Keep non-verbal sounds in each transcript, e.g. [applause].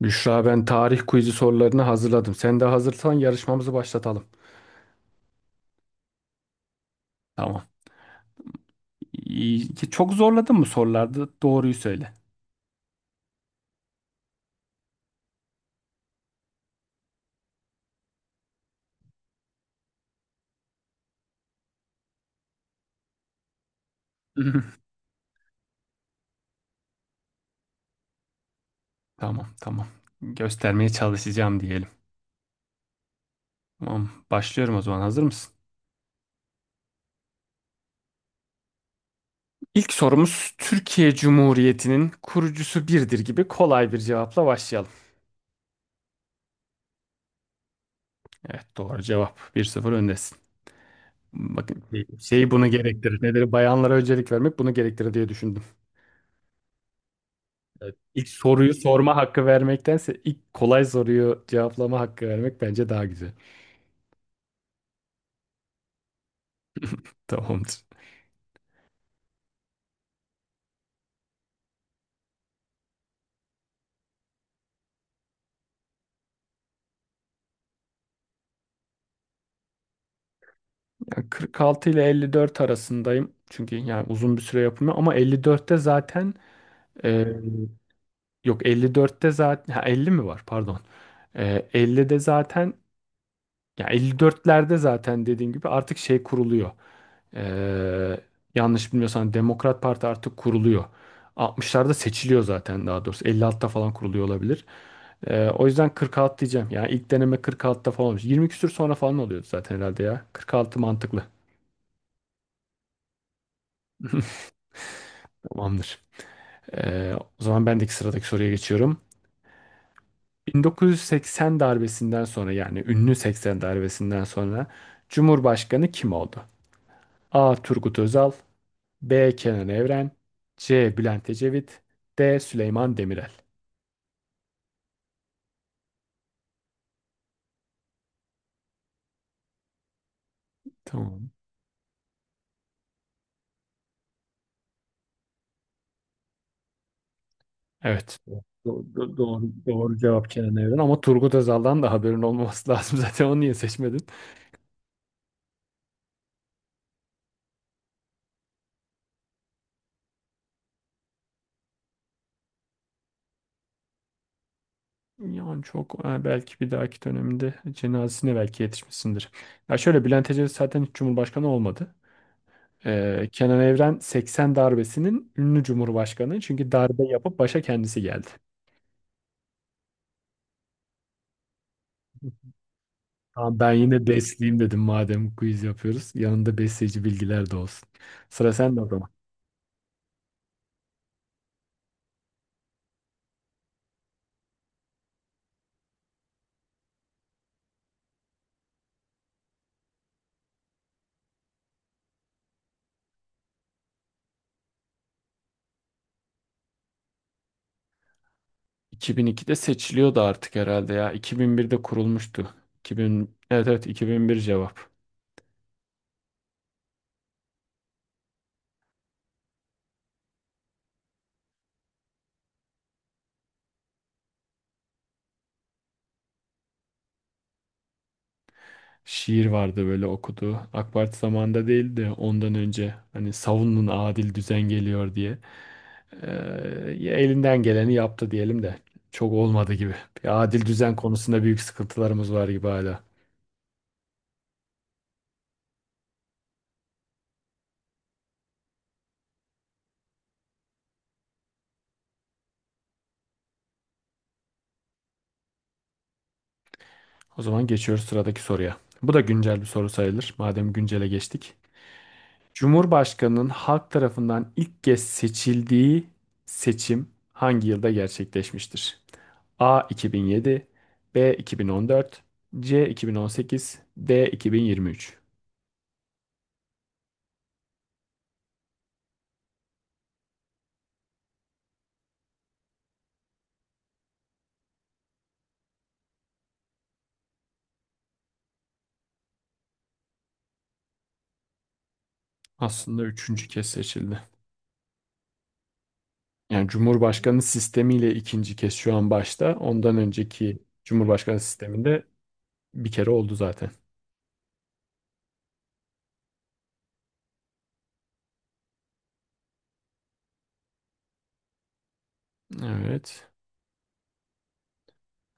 Büşra, ben tarih quizi sorularını hazırladım. Sen de hazırsan yarışmamızı başlatalım. Tamam. İyi. Çok zorladın mı sorularda? Doğruyu söyle. [laughs] Tamam tamam. Göstermeye çalışacağım diyelim. Tamam, başlıyorum o zaman, hazır mısın? İlk sorumuz, Türkiye Cumhuriyeti'nin kurucusu birdir gibi kolay bir cevapla başlayalım. Evet, doğru cevap. Bir sıfır öndesin. Bakın, şeyi bunu gerektirir. Nedir? Bayanlara öncelik vermek bunu gerektirir diye düşündüm. İlk soruyu sorma hakkı vermektense ilk kolay soruyu cevaplama hakkı vermek bence daha güzel. Tamamdır. Yani 46 ile 54 arasındayım. Çünkü yani uzun bir süre yapılmıyor ama 54'te zaten e, yok, 54'te zaten, ha, 50 mi var? Pardon. E, 50'de zaten. Ya, 54'lerde zaten dediğim gibi artık şey kuruluyor. Ee, Yanlış bilmiyorsam Demokrat Parti artık kuruluyor. 60'larda seçiliyor zaten, daha doğrusu. 56'da falan kuruluyor olabilir. O yüzden 46 diyeceğim. Yani ilk deneme 46'da falan olmuş. 20 küsür sonra falan oluyordu zaten herhalde ya. 46 mantıklı. [laughs] Tamamdır. Ee, O zaman bendeki sıradaki soruya geçiyorum. 1980 darbesinden sonra, yani ünlü 80 darbesinden sonra Cumhurbaşkanı kim oldu? A. Turgut Özal. B. Kenan Evren. C. Bülent Ecevit. D. Süleyman Demirel. Tamam. Evet. Doğru cevap Kenan Evren. Ama Turgut Özal'dan da haberin olmaması lazım, [laughs] zaten onu niye seçmedin? Yani çok, e, belki bir dahaki döneminde cenazesine belki yetişmişsindir. Ya şöyle, Bülent Ecevit zaten hiç Cumhurbaşkanı olmadı. Kenan Evren 80 darbesinin ünlü Cumhurbaşkanı, çünkü darbe yapıp başa kendisi geldi. Tamam, ben yine besleyeyim dedim madem quiz yapıyoruz. Yanında besleyici bilgiler de olsun. Sıra sende o zaman. 2002'de seçiliyordu artık herhalde ya. 2001'de kurulmuştu. 2000, evet evet 2001 cevap. Şiir vardı böyle okuduğu. AK Parti zamanında değil de ondan önce, hani savunun adil düzen geliyor diye. Ee, Ya, elinden geleni yaptı diyelim de. Çok olmadı gibi. Bir adil düzen konusunda büyük sıkıntılarımız var gibi hala. O zaman geçiyoruz sıradaki soruya. Bu da güncel bir soru sayılır. Madem güncele geçtik. Cumhurbaşkanının halk tarafından ilk kez seçildiği seçim hangi yılda gerçekleşmiştir? A 2007, B 2014, C 2018, D 2023. Aslında üçüncü kez seçildi. Yani Cumhurbaşkanı sistemiyle ikinci kez şu an başta. Ondan önceki Cumhurbaşkanı sisteminde bir kere oldu zaten. Evet.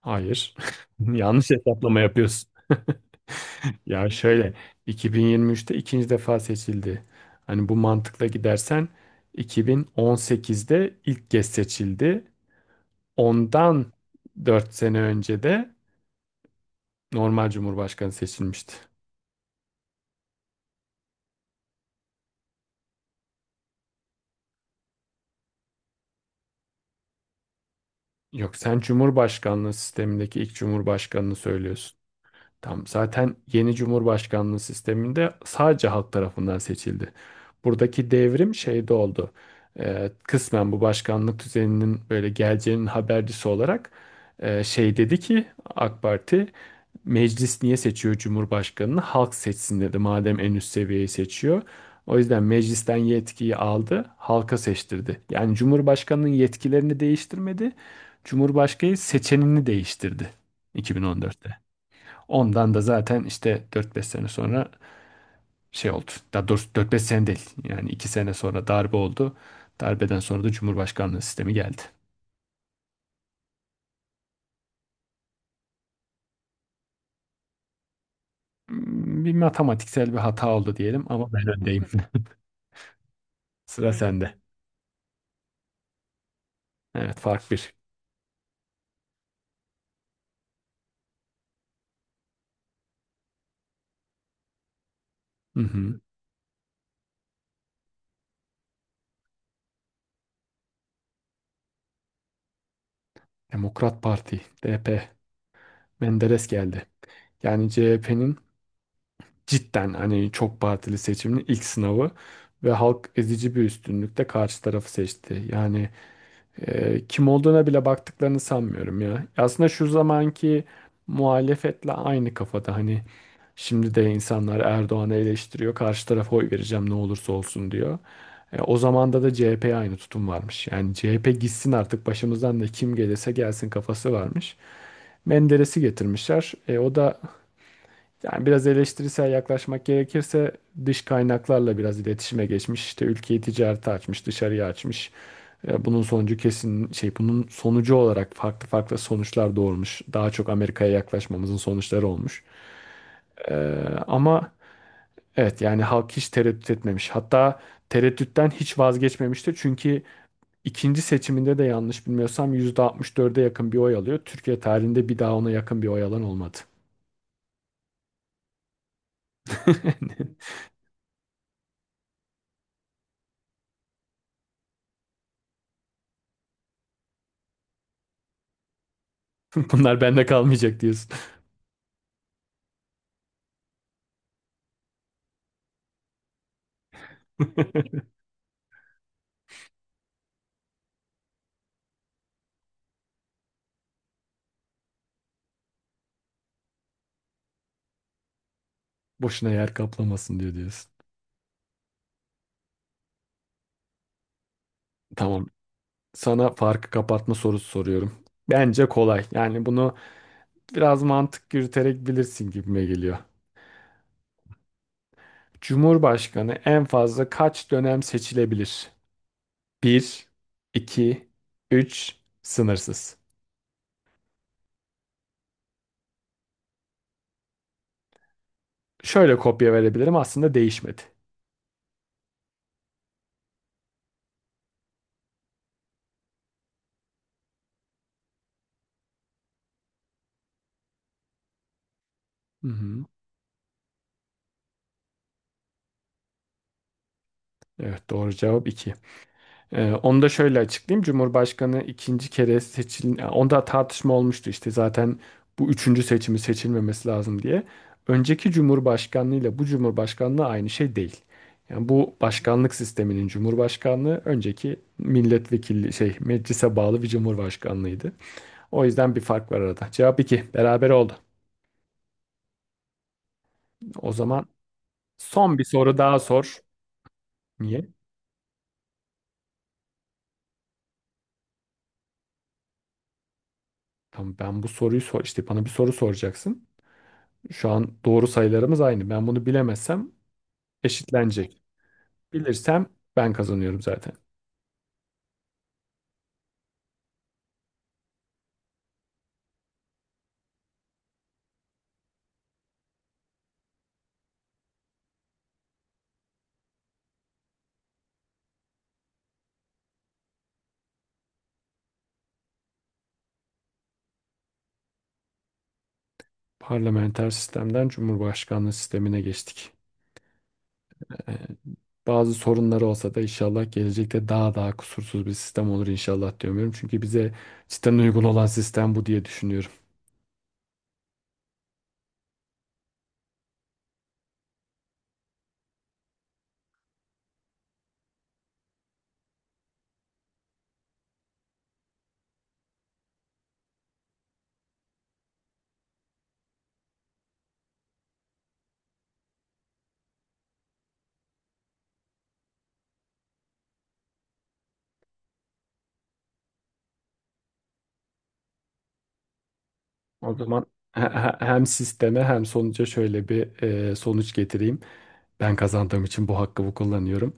Hayır. [laughs] Yanlış hesaplama yapıyorsun. [laughs] Ya şöyle, 2023'te ikinci defa seçildi. Hani bu mantıkla gidersen, 2018'de ilk kez seçildi. Ondan 4 sene önce de normal cumhurbaşkanı seçilmişti. Yok, sen cumhurbaşkanlığı sistemindeki ilk cumhurbaşkanını söylüyorsun. Tam zaten yeni cumhurbaşkanlığı sisteminde sadece halk tarafından seçildi. Buradaki devrim şeyde oldu. Kısmen bu başkanlık düzeninin böyle geleceğinin habercisi olarak, şey dedi ki AK Parti, meclis niye seçiyor cumhurbaşkanını? Halk seçsin dedi madem en üst seviyeyi seçiyor. O yüzden meclisten yetkiyi aldı, halka seçtirdi. Yani Cumhurbaşkanı'nın yetkilerini değiştirmedi, Cumhurbaşkanı seçenini değiştirdi 2014'te. Ondan da zaten işte dört beş sene sonra şey oldu. Daha doğrusu 4-5 sene değil. Yani 2 sene sonra darbe oldu. Darbeden sonra da Cumhurbaşkanlığı sistemi geldi. Hmm, bir matematiksel bir hata oldu diyelim ama ben öndeyim. [laughs] Sıra sende. Evet, fark bir. Hı hı. Demokrat Parti, DP, Menderes geldi. Yani CHP'nin cidden hani çok partili seçiminin ilk sınavı ve halk ezici bir üstünlükle karşı tarafı seçti. Yani kim olduğuna bile baktıklarını sanmıyorum ya. Aslında şu zamanki muhalefetle aynı kafada, hani şimdi de insanlar Erdoğan'ı eleştiriyor. Karşı tarafa oy vereceğim ne olursa olsun diyor. E, o zamanda da CHP'ye aynı tutum varmış. Yani CHP gitsin artık başımızdan da kim gelirse gelsin kafası varmış. Menderes'i getirmişler. E, o da yani biraz eleştirisel yaklaşmak gerekirse dış kaynaklarla biraz iletişime geçmiş. İşte ülkeyi ticarete açmış, dışarıya açmış. E, bunun sonucu kesin şey, bunun sonucu olarak farklı farklı sonuçlar doğurmuş. Daha çok Amerika'ya yaklaşmamızın sonuçları olmuş. E, Ama evet, yani halk hiç tereddüt etmemiş. Hatta tereddütten hiç vazgeçmemişti. Çünkü ikinci seçiminde de yanlış bilmiyorsam %64'e yakın bir oy alıyor. Türkiye tarihinde bir daha ona yakın bir oy alan olmadı. [laughs] Bunlar bende kalmayacak diyorsun. [laughs] Boşuna yer kaplamasın diyor diyorsun. Tamam. Sana farkı kapatma sorusu soruyorum. Bence kolay. Yani bunu biraz mantık yürüterek bilirsin gibime geliyor. Cumhurbaşkanı en fazla kaç dönem seçilebilir? Bir, 2, 3, sınırsız. Şöyle kopya verebilirim, aslında değişmedi. Hı hı. Evet, doğru cevap 2. Onu da şöyle açıklayayım. Cumhurbaşkanı ikinci kere seçil, yani onda tartışma olmuştu işte zaten, bu üçüncü seçimi seçilmemesi lazım diye. Önceki cumhurbaşkanlığı ile bu cumhurbaşkanlığı aynı şey değil. Yani bu başkanlık sisteminin cumhurbaşkanlığı, önceki milletvekili şey meclise bağlı bir cumhurbaşkanlığıydı. O yüzden bir fark var arada. Cevap iki. Beraber oldu. O zaman son bir soru daha sor. Niye? Tamam, ben bu soruyu sor işte, bana bir soru soracaksın. Şu an doğru sayılarımız aynı. Ben bunu bilemezsem eşitlenecek. Bilirsem ben kazanıyorum zaten. Parlamenter sistemden cumhurbaşkanlığı sistemine geçtik. Ee, Bazı sorunları olsa da inşallah gelecekte daha daha kusursuz bir sistem olur inşallah diyorum. Çünkü bize cidden uygun olan sistem bu diye düşünüyorum. O zaman [laughs] hem sisteme hem sonuca şöyle bir, e, sonuç getireyim. Ben kazandığım için bu hakkımı kullanıyorum.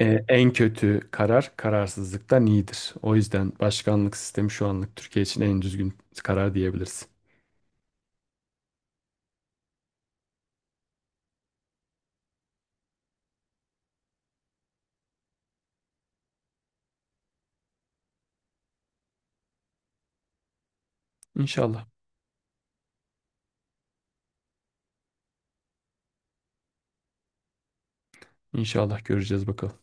En kötü karar kararsızlıktan iyidir. O yüzden başkanlık sistemi şu anlık Türkiye için en düzgün karar diyebiliriz. İnşallah. İnşallah göreceğiz bakalım.